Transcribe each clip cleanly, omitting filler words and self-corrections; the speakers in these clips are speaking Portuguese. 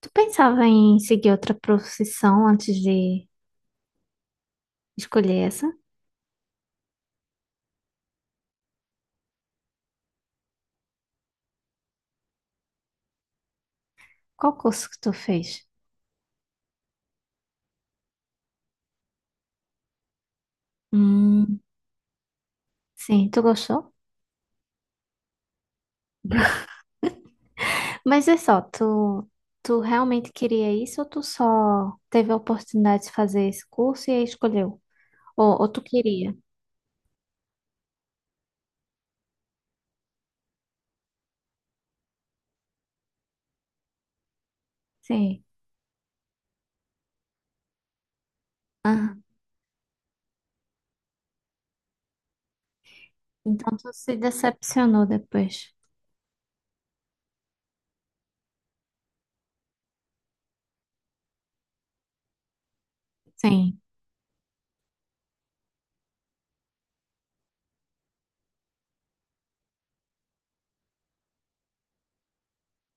Tu pensava em seguir outra profissão antes de escolher essa? Qual curso que tu fez? Hum, sim, tu gostou? Mas é só, tu realmente queria isso ou tu só teve a oportunidade de fazer esse curso e aí escolheu? Ou tu queria? Sim. Ah, então tu se decepcionou depois. Sim.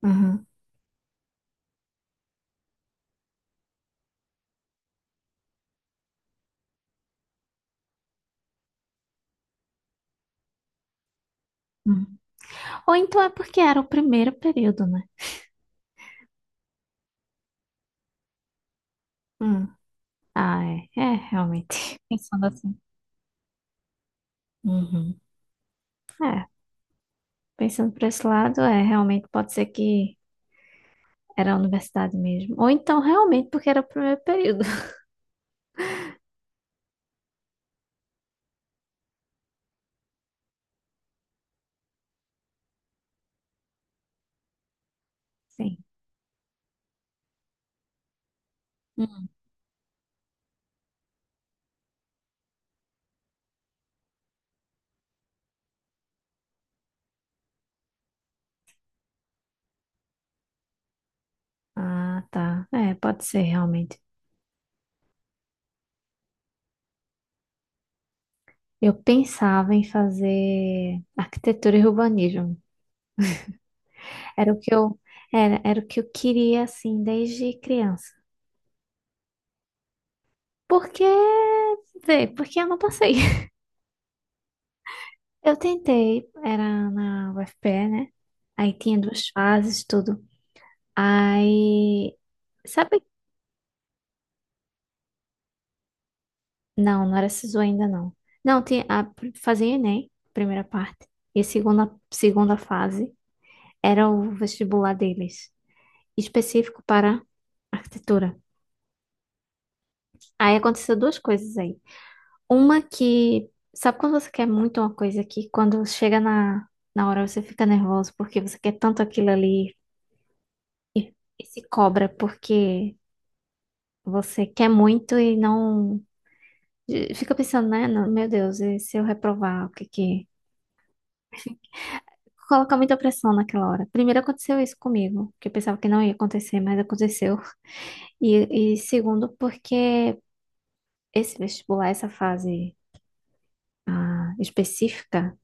Uhum. Uhum. Ou então é porque era o primeiro período, né? Hum. Ah, é. É, realmente. Pensando assim. Uhum. É. Pensando por esse lado, é, realmente pode ser que era a universidade mesmo. Ou então, realmente, porque era o primeiro período. Sim. Hum. Ah, tá. É, pode ser, realmente. Eu pensava em fazer arquitetura e urbanismo. Era o que era, era o que eu queria, assim, desde criança. Porque, vê, porque eu não passei. Eu tentei, era na UFPE, né? Aí tinha duas fases, tudo. Aí, sabe. Não, não era SISU ainda não. Não, tinha, a, fazia Enem, primeira parte. E a segunda, segunda fase era o vestibular deles, específico para arquitetura. Aí aconteceu duas coisas aí. Uma que, sabe quando você quer muito uma coisa que quando chega na hora você fica nervoso porque você quer tanto aquilo ali e se cobra porque você quer muito e não. Fica pensando, né? Não, Meu Deus, e se eu reprovar, o que que, colocar muita pressão naquela hora. Primeiro aconteceu isso comigo, que eu pensava que não ia acontecer, mas aconteceu. E segundo, porque esse vestibular, essa fase, ah, específica,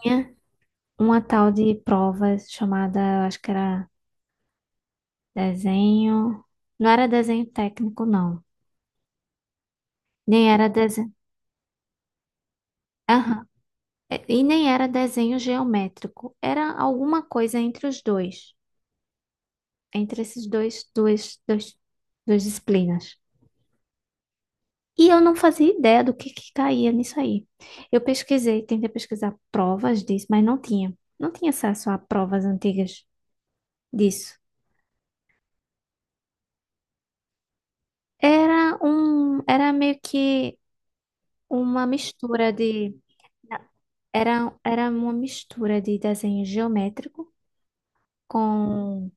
tinha uma tal de prova chamada, eu acho que era desenho. Não era desenho técnico, não. Nem era desenho. Aham. É, e nem era desenho geométrico. Era alguma coisa entre os dois, entre esses dois, duas disciplinas. E eu não fazia ideia do que caía nisso aí. Eu pesquisei, tentei pesquisar provas disso, mas não tinha. Não tinha acesso a provas antigas disso. Era era meio que uma era, era uma mistura de desenho geométrico com,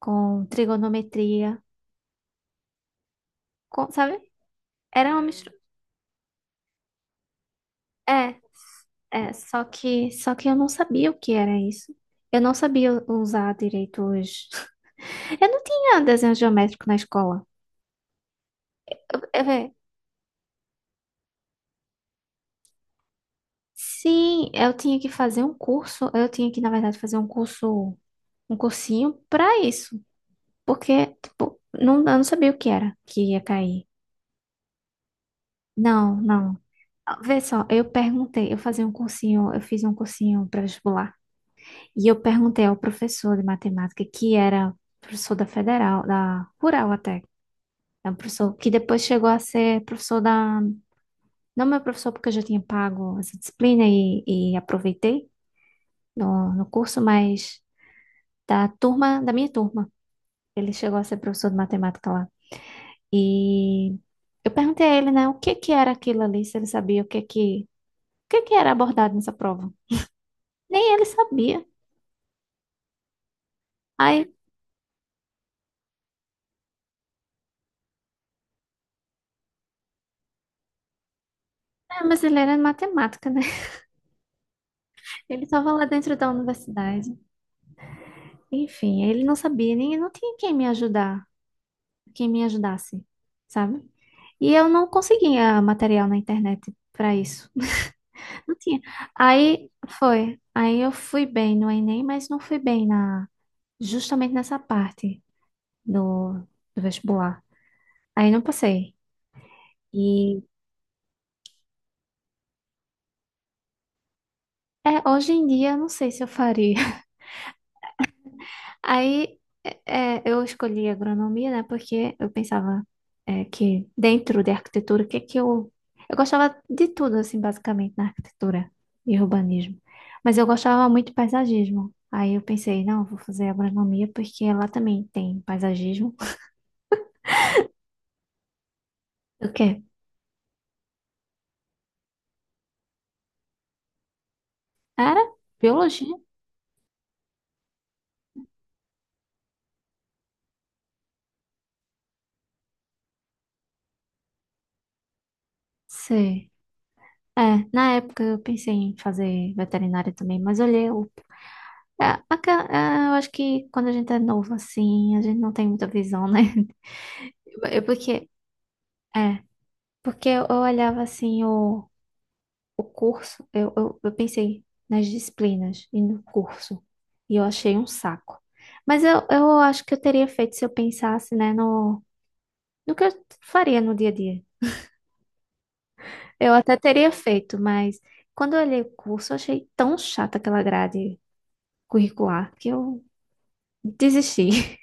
com trigonometria, com, sabe? Era uma mistura. É, é, só que eu não sabia o que era isso. Eu não sabia usar direito os. Eu não tinha desenho geométrico na escola. É, vé, sim, eu tinha que fazer um curso, eu tinha que, na verdade, fazer um curso, um cursinho pra isso, porque, tipo, não, eu não sabia o que era que ia cair. Não, não. Vê só, eu perguntei, eu fazia um cursinho, eu fiz um cursinho pré-vestibular, e eu perguntei ao professor de matemática, que era professor da Federal, da Rural até, é um professor que depois chegou a ser professor da, não meu professor porque eu já tinha pago essa e aproveitei no curso, mas da turma, da minha turma. Ele chegou a ser professor de matemática lá. E eu perguntei a ele, né, o que que era aquilo ali, se ele sabia o que que era abordado nessa prova. Nem ele sabia. Aí, é, mas ele era de matemática, né? Ele estava lá dentro da universidade. Enfim, ele não sabia, nem não tinha quem me ajudar, quem me ajudasse, sabe? E eu não conseguia material na internet para isso. Não tinha. Aí foi. Aí eu fui bem no Enem, mas não fui bem na justamente nessa parte do, do vestibular. Aí não passei. E é, hoje em dia eu não sei se eu faria. Aí eu escolhi agronomia, né? Porque eu pensava é, que dentro de arquitetura, o que é que eu. Eu gostava de tudo, assim, basicamente, na arquitetura e urbanismo. Mas eu gostava muito de paisagismo. Aí eu pensei, não, eu vou fazer agronomia porque lá também tem paisagismo. O quê? Era biologia? Sei. É, na época eu pensei em fazer veterinária também, mas olhei o. É, aca- é, eu acho que quando a gente é novo assim, a gente não tem muita visão, né? Eu, é, porque eu olhava assim o curso, eu pensei nas disciplinas e no curso, e eu achei um saco. Mas eu acho que eu teria feito se eu pensasse, né, no que eu faria no dia a dia. Eu até teria feito, mas quando eu olhei o curso, eu achei tão chata aquela grade curricular que eu desistir.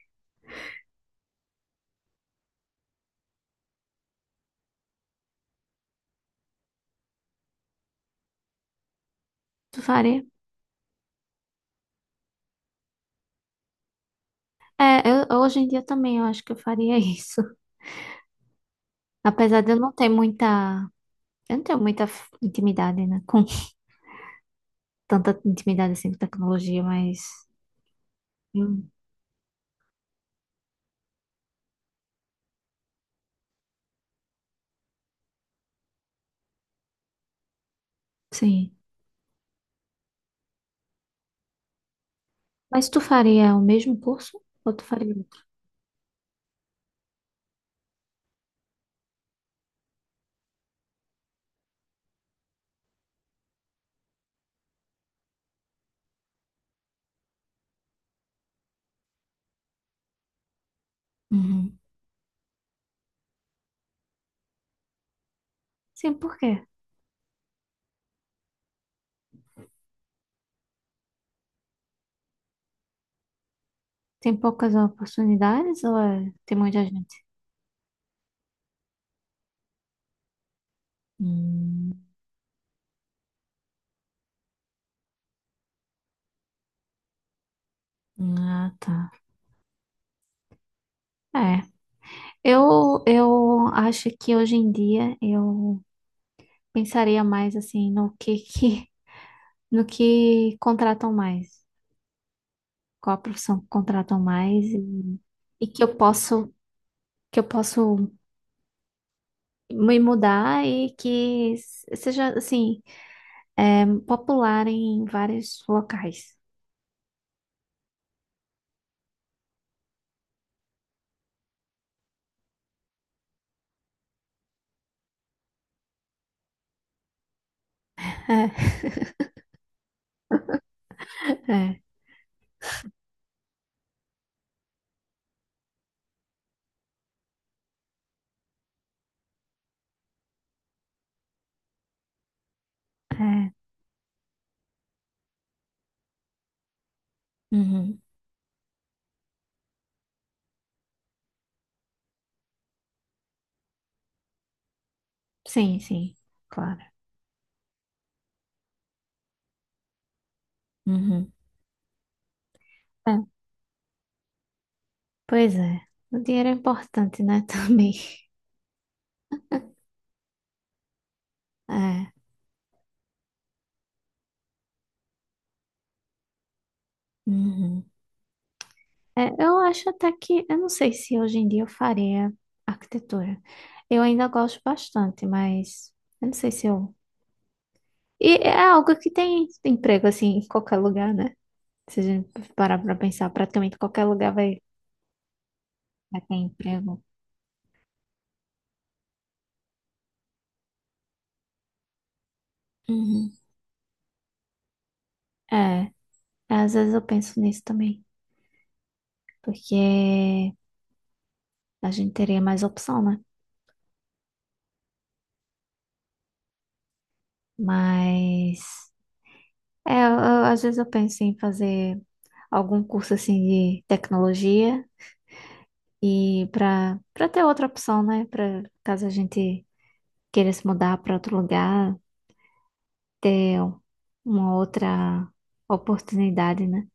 Faria. É, eu- hoje em dia também eu acho que eu faria isso. Apesar de eu não ter muita. Eu não tenho muita f- intimidade, né? Com tanta intimidade assim com tecnologia, mas. Eu- sim. Mas tu faria o mesmo curso? Ou tu faria outro? Uhum. Sim, por quê? Tem poucas oportunidades ou é- tem muita gente? Hum, ah, tá. É. Eu acho que hoje em dia eu pensaria mais assim no que que. No que contratam mais, qual a profissão que contratam mais e que eu posso me mudar e que s- seja assim é, popular em vários locais. É, é, é. Uhum. Sim, sim, claro. Uhum. É, pois é, o dinheiro é importante, né? Também. É. Uhum. É, eu acho até que, eu não sei se hoje em dia eu faria arquitetura. Eu ainda gosto bastante, mas eu não sei se eu. E é algo que tem emprego assim em qualquer lugar, né? Se a gente parar pra pensar, praticamente qualquer lugar vai, vai ter emprego. Uhum. É, às vezes eu penso nisso também, porque a gente teria mais opção, né? Mas é, eu- às vezes eu penso em fazer algum curso assim de tecnologia. E para para ter outra opção, né? Para caso a gente queira se mudar para outro lugar, ter uma outra oportunidade, né?